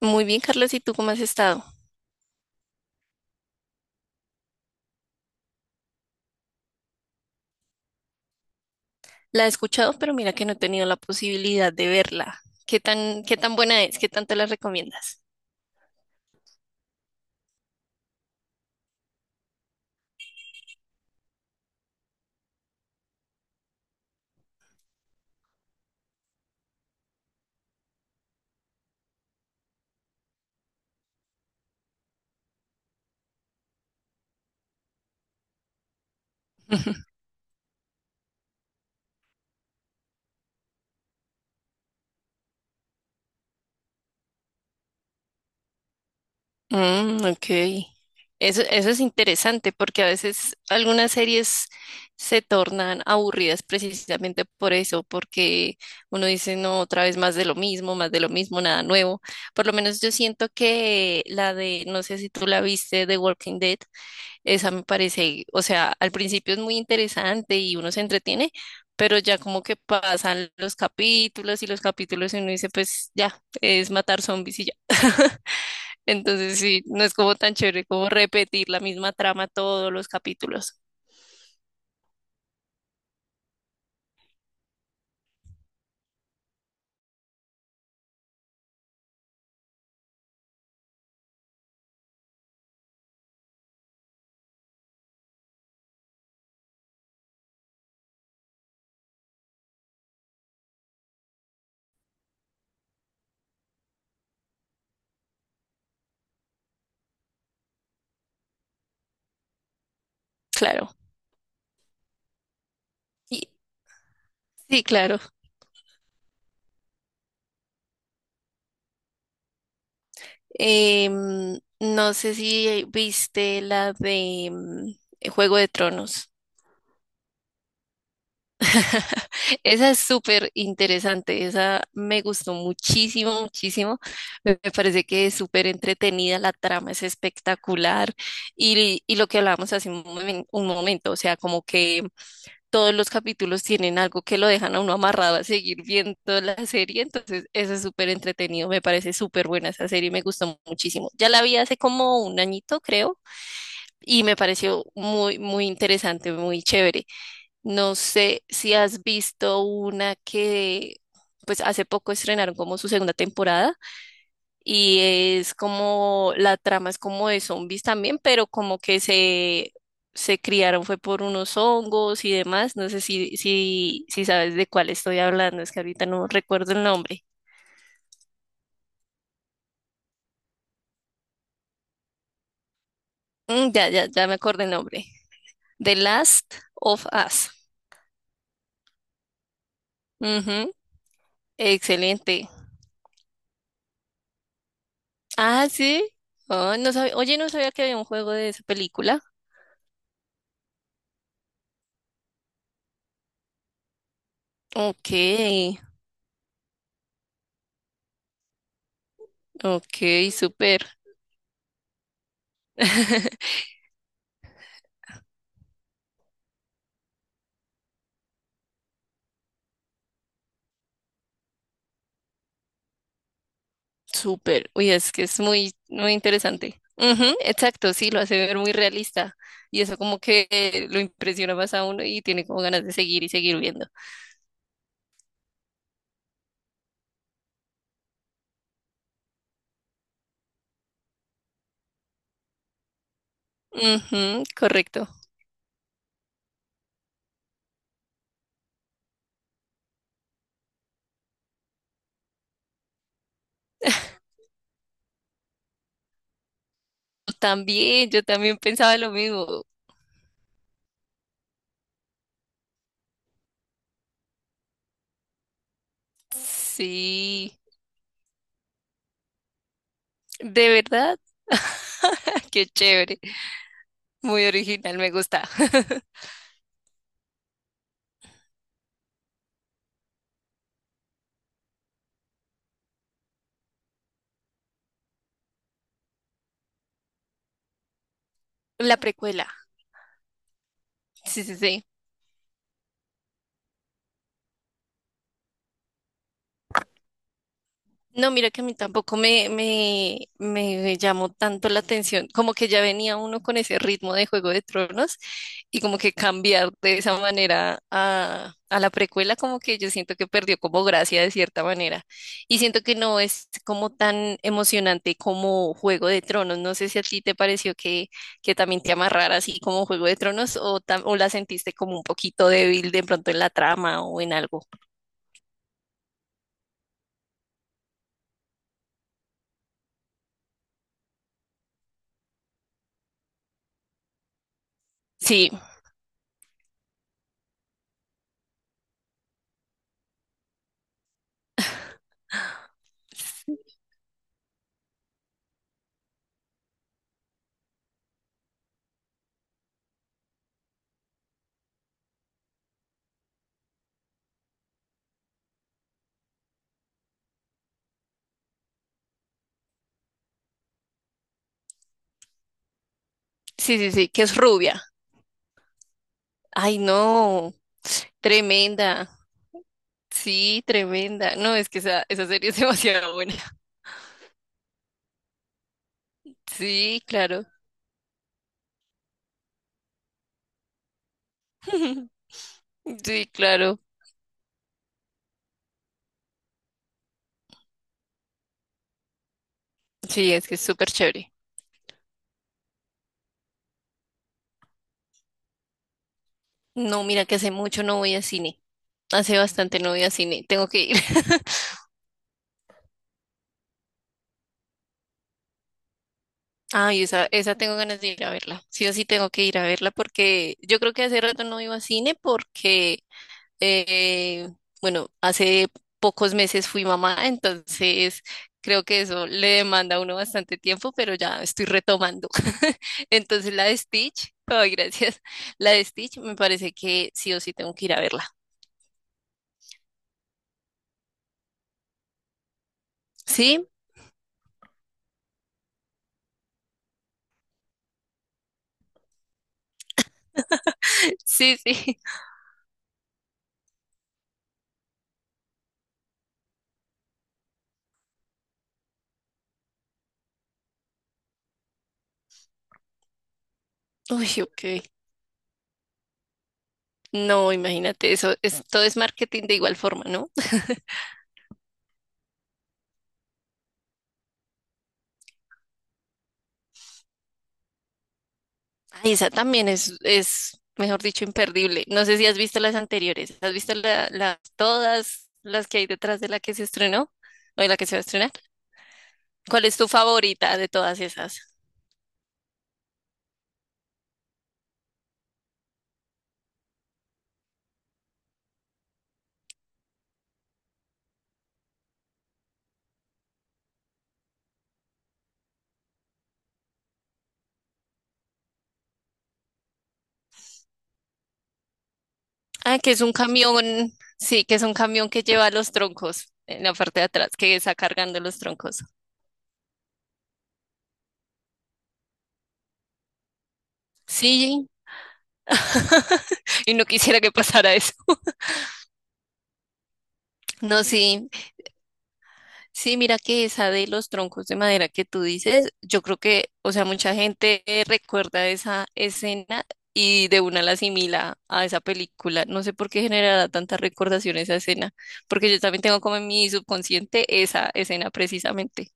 Muy bien, Carlos, ¿y tú cómo has estado? La he escuchado, pero mira que no he tenido la posibilidad de verla. Qué tan buena es? ¿Qué tanto la recomiendas? Mm, ok. Eso es interesante porque a veces algunas series se tornan aburridas precisamente por eso, porque uno dice, no, otra vez más de lo mismo, más de lo mismo, nada nuevo. Por lo menos yo siento que la de, no sé si tú la viste, The Walking Dead. Esa me parece, o sea, al principio es muy interesante y uno se entretiene, pero ya como que pasan los capítulos y uno dice, pues ya, es matar zombies y ya. Entonces sí, no es como tan chévere como repetir la misma trama todos los capítulos. Claro. Y- sí, claro. Em, no sé si viste la de Juego de Tronos. Esa es súper interesante, esa me gustó muchísimo, muchísimo. Me parece que es súper entretenida, la trama es espectacular y lo que hablábamos hace un, un momento, o sea, como que todos los capítulos tienen algo que lo dejan a uno amarrado a seguir viendo la serie, entonces eso es súper entretenido, me parece súper buena esa serie, me gustó muchísimo. Ya la vi hace como un añito, creo, y me pareció muy, muy interesante, muy chévere. No sé si has visto una que, pues hace poco estrenaron como su segunda temporada y es como, la trama es como de zombies también, pero como que se criaron fue por unos hongos y demás. No sé si, si sabes de cuál estoy hablando, es que ahorita no recuerdo el nombre. Mm, ya me acordé el nombre. The Last of Us. Ujú, excelente. Ah, sí. Ah, no sabía, oye, no sabía que había un juego de esa película. Ok, ok, súper, súper. Uy, es que es muy, muy interesante. Ujú, exacto, sí, lo hace ver muy realista. Y eso como que lo impresiona más a uno y tiene como ganas de seguir y seguir viendo. Ujú, correcto. También, yo también pensaba lo mismo. Sí, de verdad. Qué chévere. Muy original, me gusta. La precuela. Sí, sí, sí. No, mira que a mí tampoco me llamó tanto la atención, como que ya venía uno con ese ritmo de Juego de Tronos y como que cambiar de esa manera a la precuela, como que yo siento que perdió como gracia de cierta manera y siento que no es como tan emocionante como Juego de Tronos. No sé si a ti te pareció que también te amarrara así como Juego de Tronos o, o la sentiste como un poquito débil de pronto en la trama o en algo. Sí, sí, sí, sí, que es rubia. Ay, no, tremenda. Sí, tremenda. No, es que esa serie es demasiado buena. Sí, claro. Sí, claro. Sí, es que es súper chévere. No, mira que hace mucho no voy a cine. Hace bastante no voy a cine. Tengo que ir. Ay, esa tengo ganas de ir a verla. Sí o sí tengo que ir a verla porque yo creo que hace rato no iba a cine porque Eh, bueno, hace pocos meses fui mamá, entonces creo que eso le demanda a uno bastante tiempo, pero ya estoy retomando. Entonces la de Stitch, ay, gracias. La de Stitch me parece que sí o sí tengo que ir a verla. ¿Sí? Sí, sí. Uy, ok. No, imagínate, eso es, todo es marketing de igual forma, ¿no? Ay, esa también es, mejor dicho, imperdible. No sé si has visto las anteriores. ¿Has visto la, todas las que hay detrás de la que se estrenó o de la que se va a estrenar? ¿Cuál es tu favorita de todas esas? Ah, que es un camión, sí, que es un camión que lleva los troncos en la parte de atrás, que está cargando los troncos. Sí, y no quisiera que pasara eso. No, sí, sí, mira que esa de los troncos de madera que tú dices, yo creo que, o sea, mucha gente recuerda esa escena y de una la asimila a esa película. No sé por qué generará tanta recordación esa escena, porque yo también tengo como en mi subconsciente esa escena precisamente.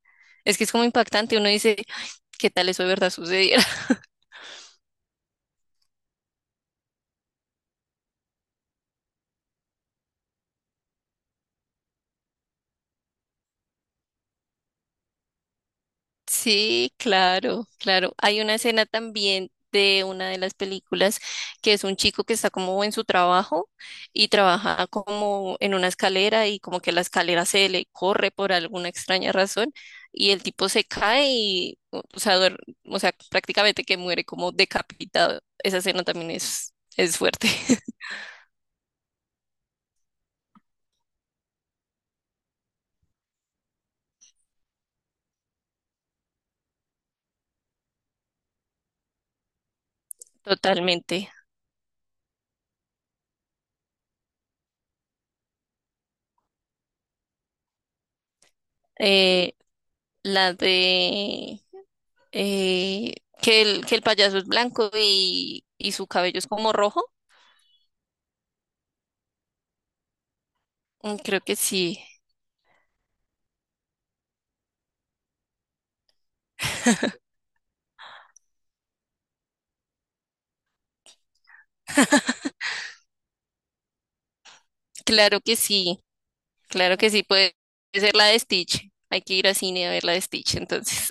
Es que es como impactante, uno dice, "Ay, ¿qué tal eso de verdad sucedió? Sí, claro, claro. Hay una escena también de una de las películas que es un chico que está como en su trabajo y trabaja como en una escalera y como que la escalera se le corre por alguna extraña razón y el tipo se cae y, o sea, o sea, prácticamente que muere como decapitado. Esa escena también es fuerte, totalmente. Eh, la de eh, que el payaso es blanco y su cabello es como rojo. Mm, creo que sí, claro que sí, claro que sí, puede ser la de Stitch. Hay que ir al cine a ver la de Stitch, entonces.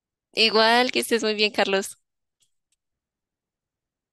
Igual que estés muy bien, Carlos.